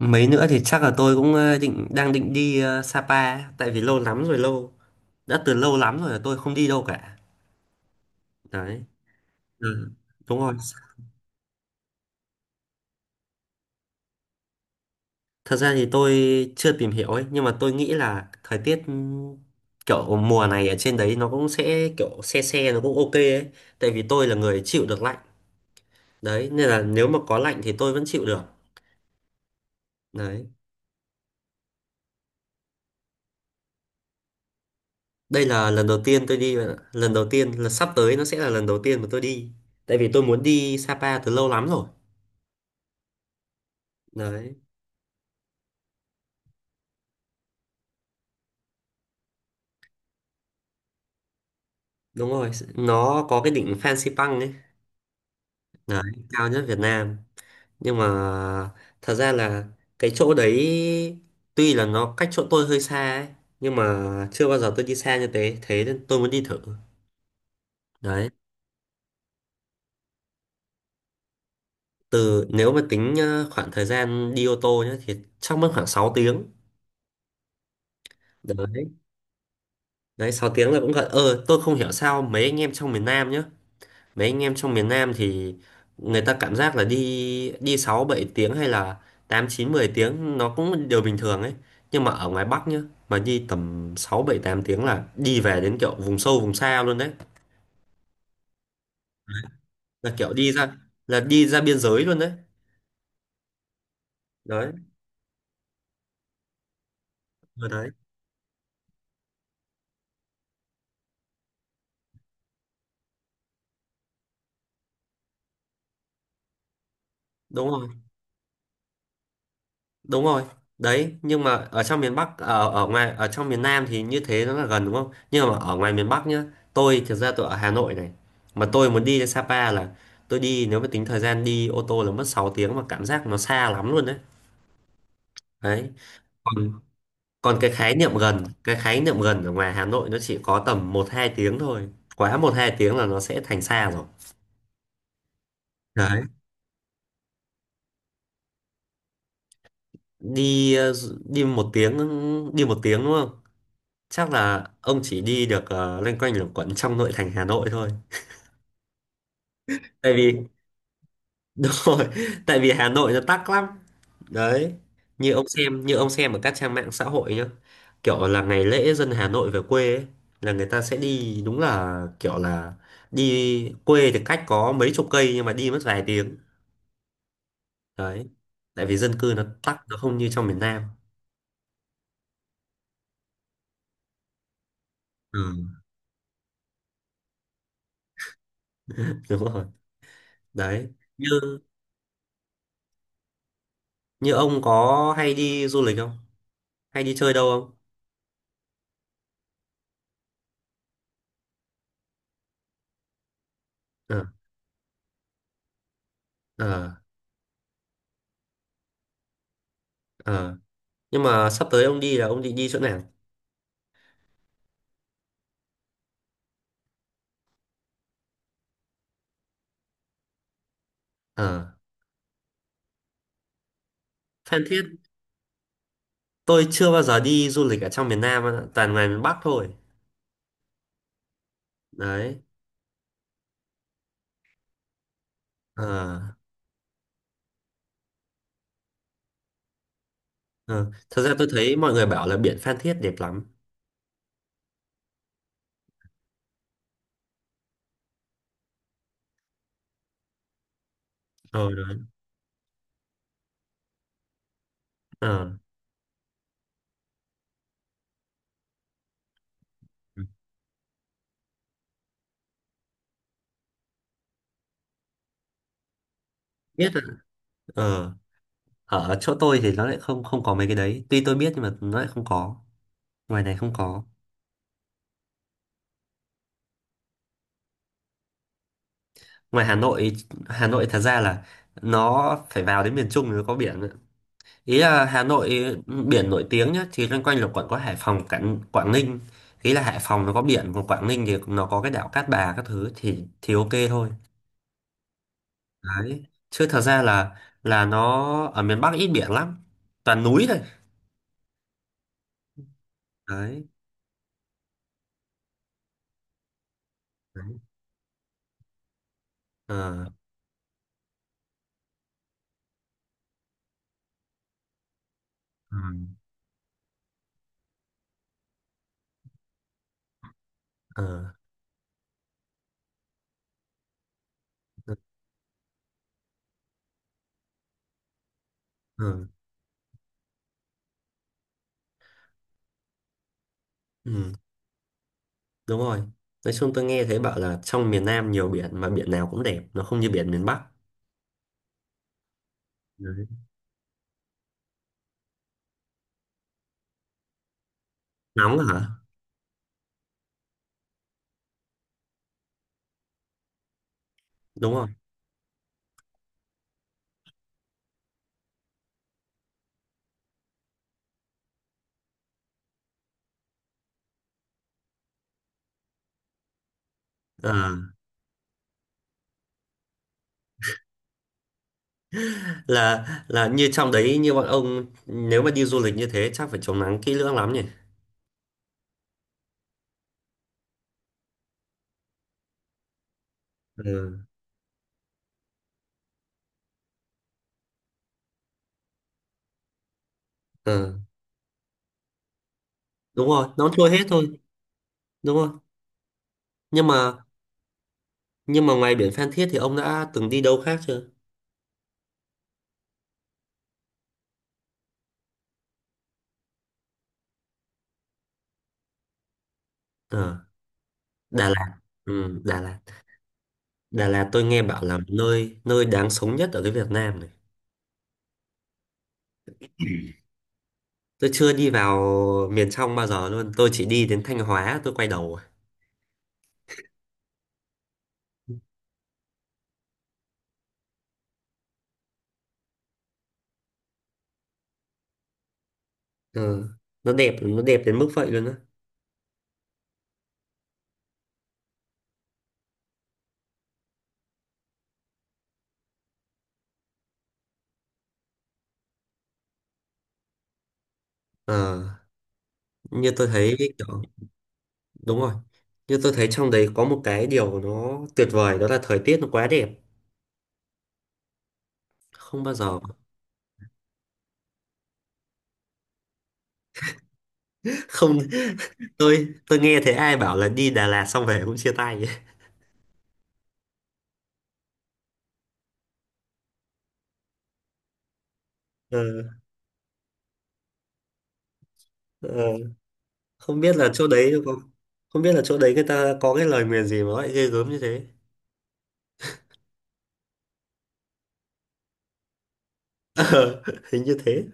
Mấy nữa thì chắc là tôi cũng đang định đi Sapa tại vì lâu lắm rồi lâu đã từ lâu lắm rồi là tôi không đi đâu cả. Đấy. Ừ. Đúng rồi. Thật ra thì tôi chưa tìm hiểu ấy, nhưng mà tôi nghĩ là thời tiết kiểu mùa này ở trên đấy nó cũng sẽ kiểu se se, nó cũng ok ấy. Tại vì tôi là người chịu được lạnh. Đấy, nên là nếu mà có lạnh thì tôi vẫn chịu được. Đấy. Đây là lần đầu tiên tôi đi bạn ạ. Lần đầu tiên là sắp tới, nó sẽ là lần đầu tiên mà tôi đi, tại vì tôi muốn đi Sapa từ lâu lắm rồi. Đấy. Đúng rồi, nó có cái đỉnh Fansipan ấy. Đấy, cao nhất Việt Nam. Nhưng mà thật ra là cái chỗ đấy tuy là nó cách chỗ tôi hơi xa ấy, nhưng mà chưa bao giờ tôi đi xa như thế, thế nên tôi muốn đi thử. Đấy. Nếu mà tính khoảng thời gian đi ô tô nhá, thì chắc mất khoảng 6 tiếng. Đấy. Đấy, 6 tiếng là cũng gần. Ờ tôi không hiểu sao mấy anh em trong miền Nam nhá, mấy anh em trong miền Nam thì người ta cảm giác là đi đi 6-7 tiếng hay là 8-9-10 tiếng nó cũng là điều bình thường ấy. Nhưng mà ở ngoài Bắc nhá, mà đi tầm 6-7-8 tiếng là đi về đến kiểu vùng sâu vùng xa luôn đấy. Là kiểu đi ra là đi ra biên giới luôn đấy. Đấy, rồi đấy. Đúng rồi. Đúng rồi đấy, nhưng mà ở trong miền Bắc ở ở ngoài ở trong miền Nam thì như thế nó là gần đúng không, nhưng mà ở ngoài miền Bắc nhá, tôi thực ra tôi ở Hà Nội này, mà tôi muốn đi đến Sapa là tôi đi, nếu mà tính thời gian đi ô tô là mất 6 tiếng mà cảm giác nó xa lắm luôn đấy. Đấy. Còn còn cái khái niệm gần ở ngoài Hà Nội nó chỉ có tầm 1-2 tiếng thôi. Quá một 2 tiếng là nó sẽ thành xa rồi. Đấy. đi ờ, Đi 1 tiếng, đi 1 tiếng, đúng không? Chắc là ông chỉ đi được loanh quanh luẩn quẩn trong nội thành Hà Nội thôi. Tại vì đúng rồi, tại vì Hà Nội nó tắc lắm. Đấy, như ông xem ở các trang mạng xã hội nhá, kiểu là ngày lễ dân Hà Nội về quê ấy, là người ta sẽ đi đúng là kiểu là đi quê thì cách có mấy chục cây nhưng mà đi mất vài tiếng. Đấy. Tại vì dân cư nó tắc, nó không như trong miền Nam. Ừ, đúng rồi. Đấy, như như ông có hay đi du lịch không, hay đi chơi đâu không? Ờ. Ờ. Ờ. Nhưng mà sắp tới ông đi là ông định đi chỗ nào? Ờ, Phan Thiết. Tôi chưa bao giờ đi du lịch ở trong miền Nam á, toàn ngoài miền Bắc thôi. Đấy. Ờ, ờ. Thật ra tôi thấy mọi người bảo là biển Phan Thiết đẹp lắm. Ờ, đấy. Ờ. Biết rồi. Ờ. Ở chỗ tôi thì nó lại không không có mấy cái đấy. Tuy tôi biết nhưng mà nó lại không có. Ngoài này không có. Ngoài Hà Nội, Hà Nội thật ra là nó phải vào đến miền Trung thì nó có biển. Ý là Hà Nội, ừ, biển nổi tiếng nhá thì loanh quanh là quận có Hải Phòng, Quảng Quảng Ninh. Ý là Hải Phòng nó có biển, còn Quảng Ninh thì nó có cái đảo Cát Bà các thứ thì ok thôi. Đấy, chứ thật ra là nó ở miền Bắc ít biển lắm, toàn núi thôi. Đấy. Đấy. Ờ. Ừ. Ờ. Ừ. Ừ. Ừ. Đúng rồi, nói chung tôi nghe thấy bảo là trong miền Nam nhiều biển, mà biển nào cũng đẹp, nó không như biển miền Bắc. Đấy. Nóng hả? Đúng rồi. Ờ. Là như trong đấy, như bọn ông nếu mà đi du lịch như thế chắc phải chống nắng kỹ lưỡng lắm nhỉ. Ừ. Ừ. Đúng rồi, nó trôi hết thôi đúng không? Nhưng mà nhưng mà ngoài biển Phan Thiết thì ông đã từng đi đâu khác chưa? Ờ, Đà Lạt. Ừ, Đà Lạt tôi nghe bảo là nơi nơi đáng sống nhất ở cái Việt Nam này. Tôi chưa đi vào miền trong bao giờ luôn, tôi chỉ đi đến Thanh Hóa tôi quay đầu rồi. Ừ. nó đẹp đến mức vậy luôn á? Ờ, như tôi thấy kiểu đúng rồi. Như tôi thấy trong đấy có một cái điều nó tuyệt vời đó là thời tiết nó quá đẹp. Không bao giờ không. Tôi nghe thấy ai bảo là đi Đà Lạt xong về cũng chia tay. Ờ. Ờ. Không biết là chỗ đấy có không biết là chỗ đấy người ta có cái lời nguyền gì mà lại ghê gớm như thế. Ờ, hình như thế.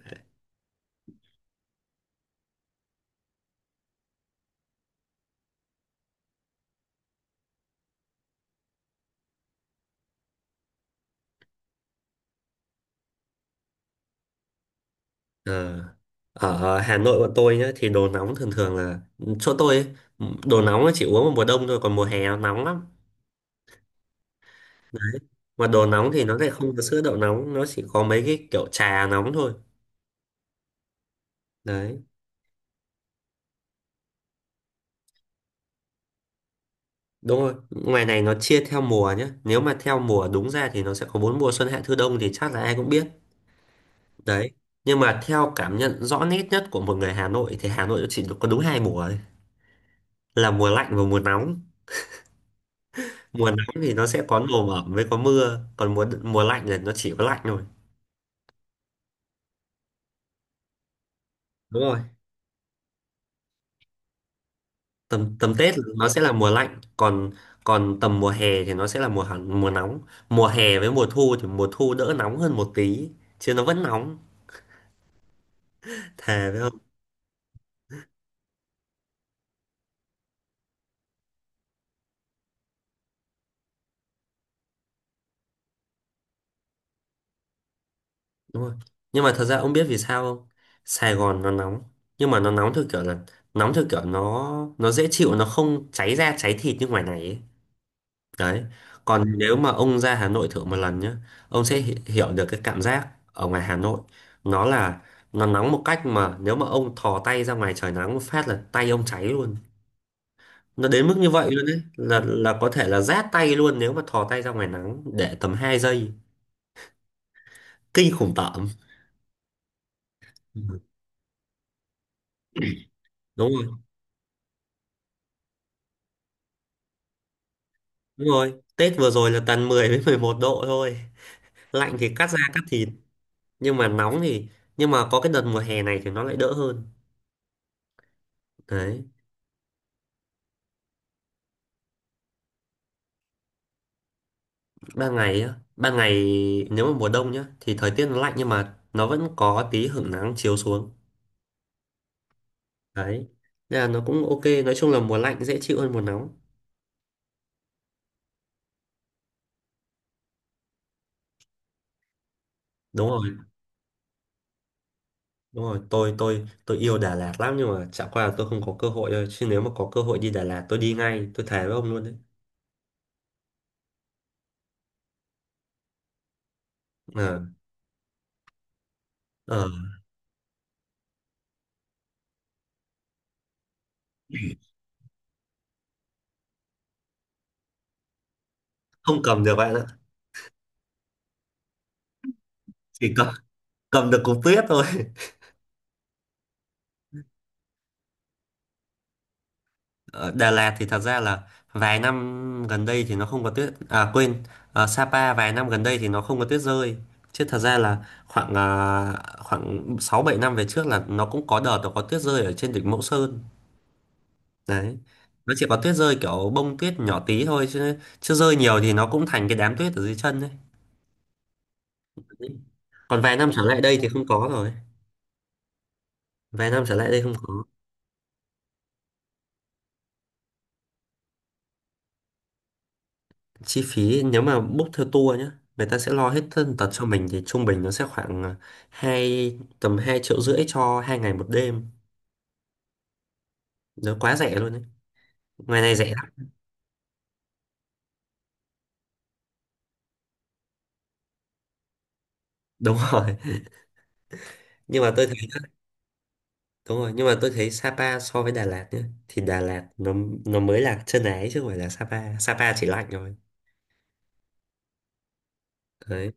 Ờ, ở Hà Nội bọn tôi nhá thì đồ nóng thường thường là chỗ tôi ấy, đồ nóng nó chỉ uống vào mùa đông thôi, còn mùa hè nó nóng lắm. Mà đồ nóng thì nó lại không có sữa đậu nóng, nó chỉ có mấy cái kiểu trà nóng thôi. Đấy, đúng rồi. Ngoài này nó chia theo mùa nhé. Nếu mà theo mùa đúng ra thì nó sẽ có bốn mùa xuân hạ thu đông thì chắc là ai cũng biết. Đấy. Nhưng mà theo cảm nhận rõ nét nhất của một người Hà Nội thì Hà Nội chỉ có đúng hai mùa thôi. Là mùa lạnh và mùa nóng. Mùa nóng thì nó sẽ có nồm ẩm với có mưa, còn mùa mùa lạnh là nó chỉ có lạnh thôi. Đúng rồi. Tầm tầm Tết là nó sẽ là mùa lạnh, còn còn tầm mùa hè thì nó sẽ là mùa nóng. Mùa hè với mùa thu thì mùa thu đỡ nóng hơn một tí, chứ nó vẫn nóng. Thề với đúng rồi, nhưng mà thật ra ông biết vì sao không? Sài Gòn nó nóng nhưng mà nó nóng theo kiểu là nóng theo kiểu nó dễ chịu, nó không cháy da cháy thịt như ngoài này ấy. Đấy. Còn nếu mà ông ra Hà Nội thử một lần nhá, ông sẽ hiểu được cái cảm giác ở ngoài Hà Nội, nó là nó nóng một cách mà nếu mà ông thò tay ra ngoài trời nắng một phát là tay ông cháy luôn. Nó đến mức như vậy luôn đấy, là có thể là rát tay luôn nếu mà thò tay ra ngoài nắng để tầm 2 giây. Kinh khủng tởm. Ừ. Đúng rồi. Đúng rồi, Tết vừa rồi là tầm 10 với 11 độ thôi. Lạnh thì cắt da cắt thịt, nhưng mà nóng thì nhưng mà có cái đợt mùa hè này thì nó lại đỡ hơn. Đấy, ban ngày nếu mà mùa đông nhá thì thời tiết nó lạnh, nhưng mà nó vẫn có tí hửng nắng chiếu xuống. Đấy. Nên là nó cũng ok, nói chung là mùa lạnh dễ chịu hơn mùa nóng. Đúng rồi, đúng rồi, tôi yêu Đà Lạt lắm nhưng mà chả qua là tôi không có cơ hội thôi, chứ nếu mà có cơ hội đi Đà Lạt tôi đi ngay, tôi thề với ông luôn đấy. Ờ, ờ, không cầm được bạn ạ, chỉ cầm cầm được cục tuyết thôi. Ở Đà Lạt thì thật ra là vài năm gần đây thì nó không có tuyết, à quên, ở Sapa vài năm gần đây thì nó không có tuyết rơi, chứ thật ra là khoảng à, khoảng 6-7 năm về trước là nó cũng có đợt nó có tuyết rơi ở trên đỉnh Mẫu Sơn. Đấy, nó chỉ có tuyết rơi kiểu bông tuyết nhỏ tí thôi, chứ chứ rơi nhiều thì nó cũng thành cái đám tuyết ở dưới chân đấy. Còn vài năm trở lại đây thì không có rồi, vài năm trở lại đây không có. Chi phí nếu mà book theo tour nhé, người ta sẽ lo hết thân tật cho mình, thì trung bình nó sẽ khoảng tầm hai triệu rưỡi cho 2 ngày 1 đêm. Nó quá rẻ luôn đấy, ngoài này rẻ lắm. Đúng rồi, nhưng mà tôi thấy, đúng rồi nhưng mà tôi thấy Sapa so với Đà Lạt nhé, thì Đà Lạt nó mới là chân ái chứ không phải là Sapa. Sapa chỉ lạnh rồi. Đấy,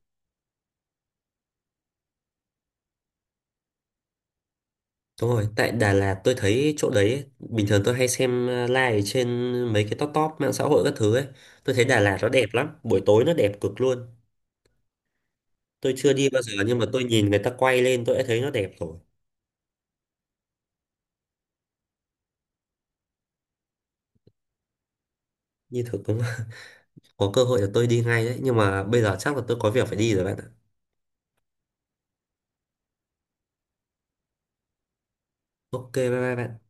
đúng rồi, tại Đà Lạt tôi thấy chỗ đấy ấy, bình thường tôi hay xem live trên mấy cái top top mạng xã hội các thứ ấy, tôi thấy Đà Lạt nó đẹp lắm, buổi tối nó đẹp cực luôn. Tôi chưa đi bao giờ nhưng mà tôi nhìn người ta quay lên tôi đã thấy nó đẹp rồi. Như thực đúng không? Có cơ hội là tôi đi ngay đấy. Nhưng mà bây giờ chắc là tôi có việc phải đi rồi bạn ạ. Ok, bye bye bạn.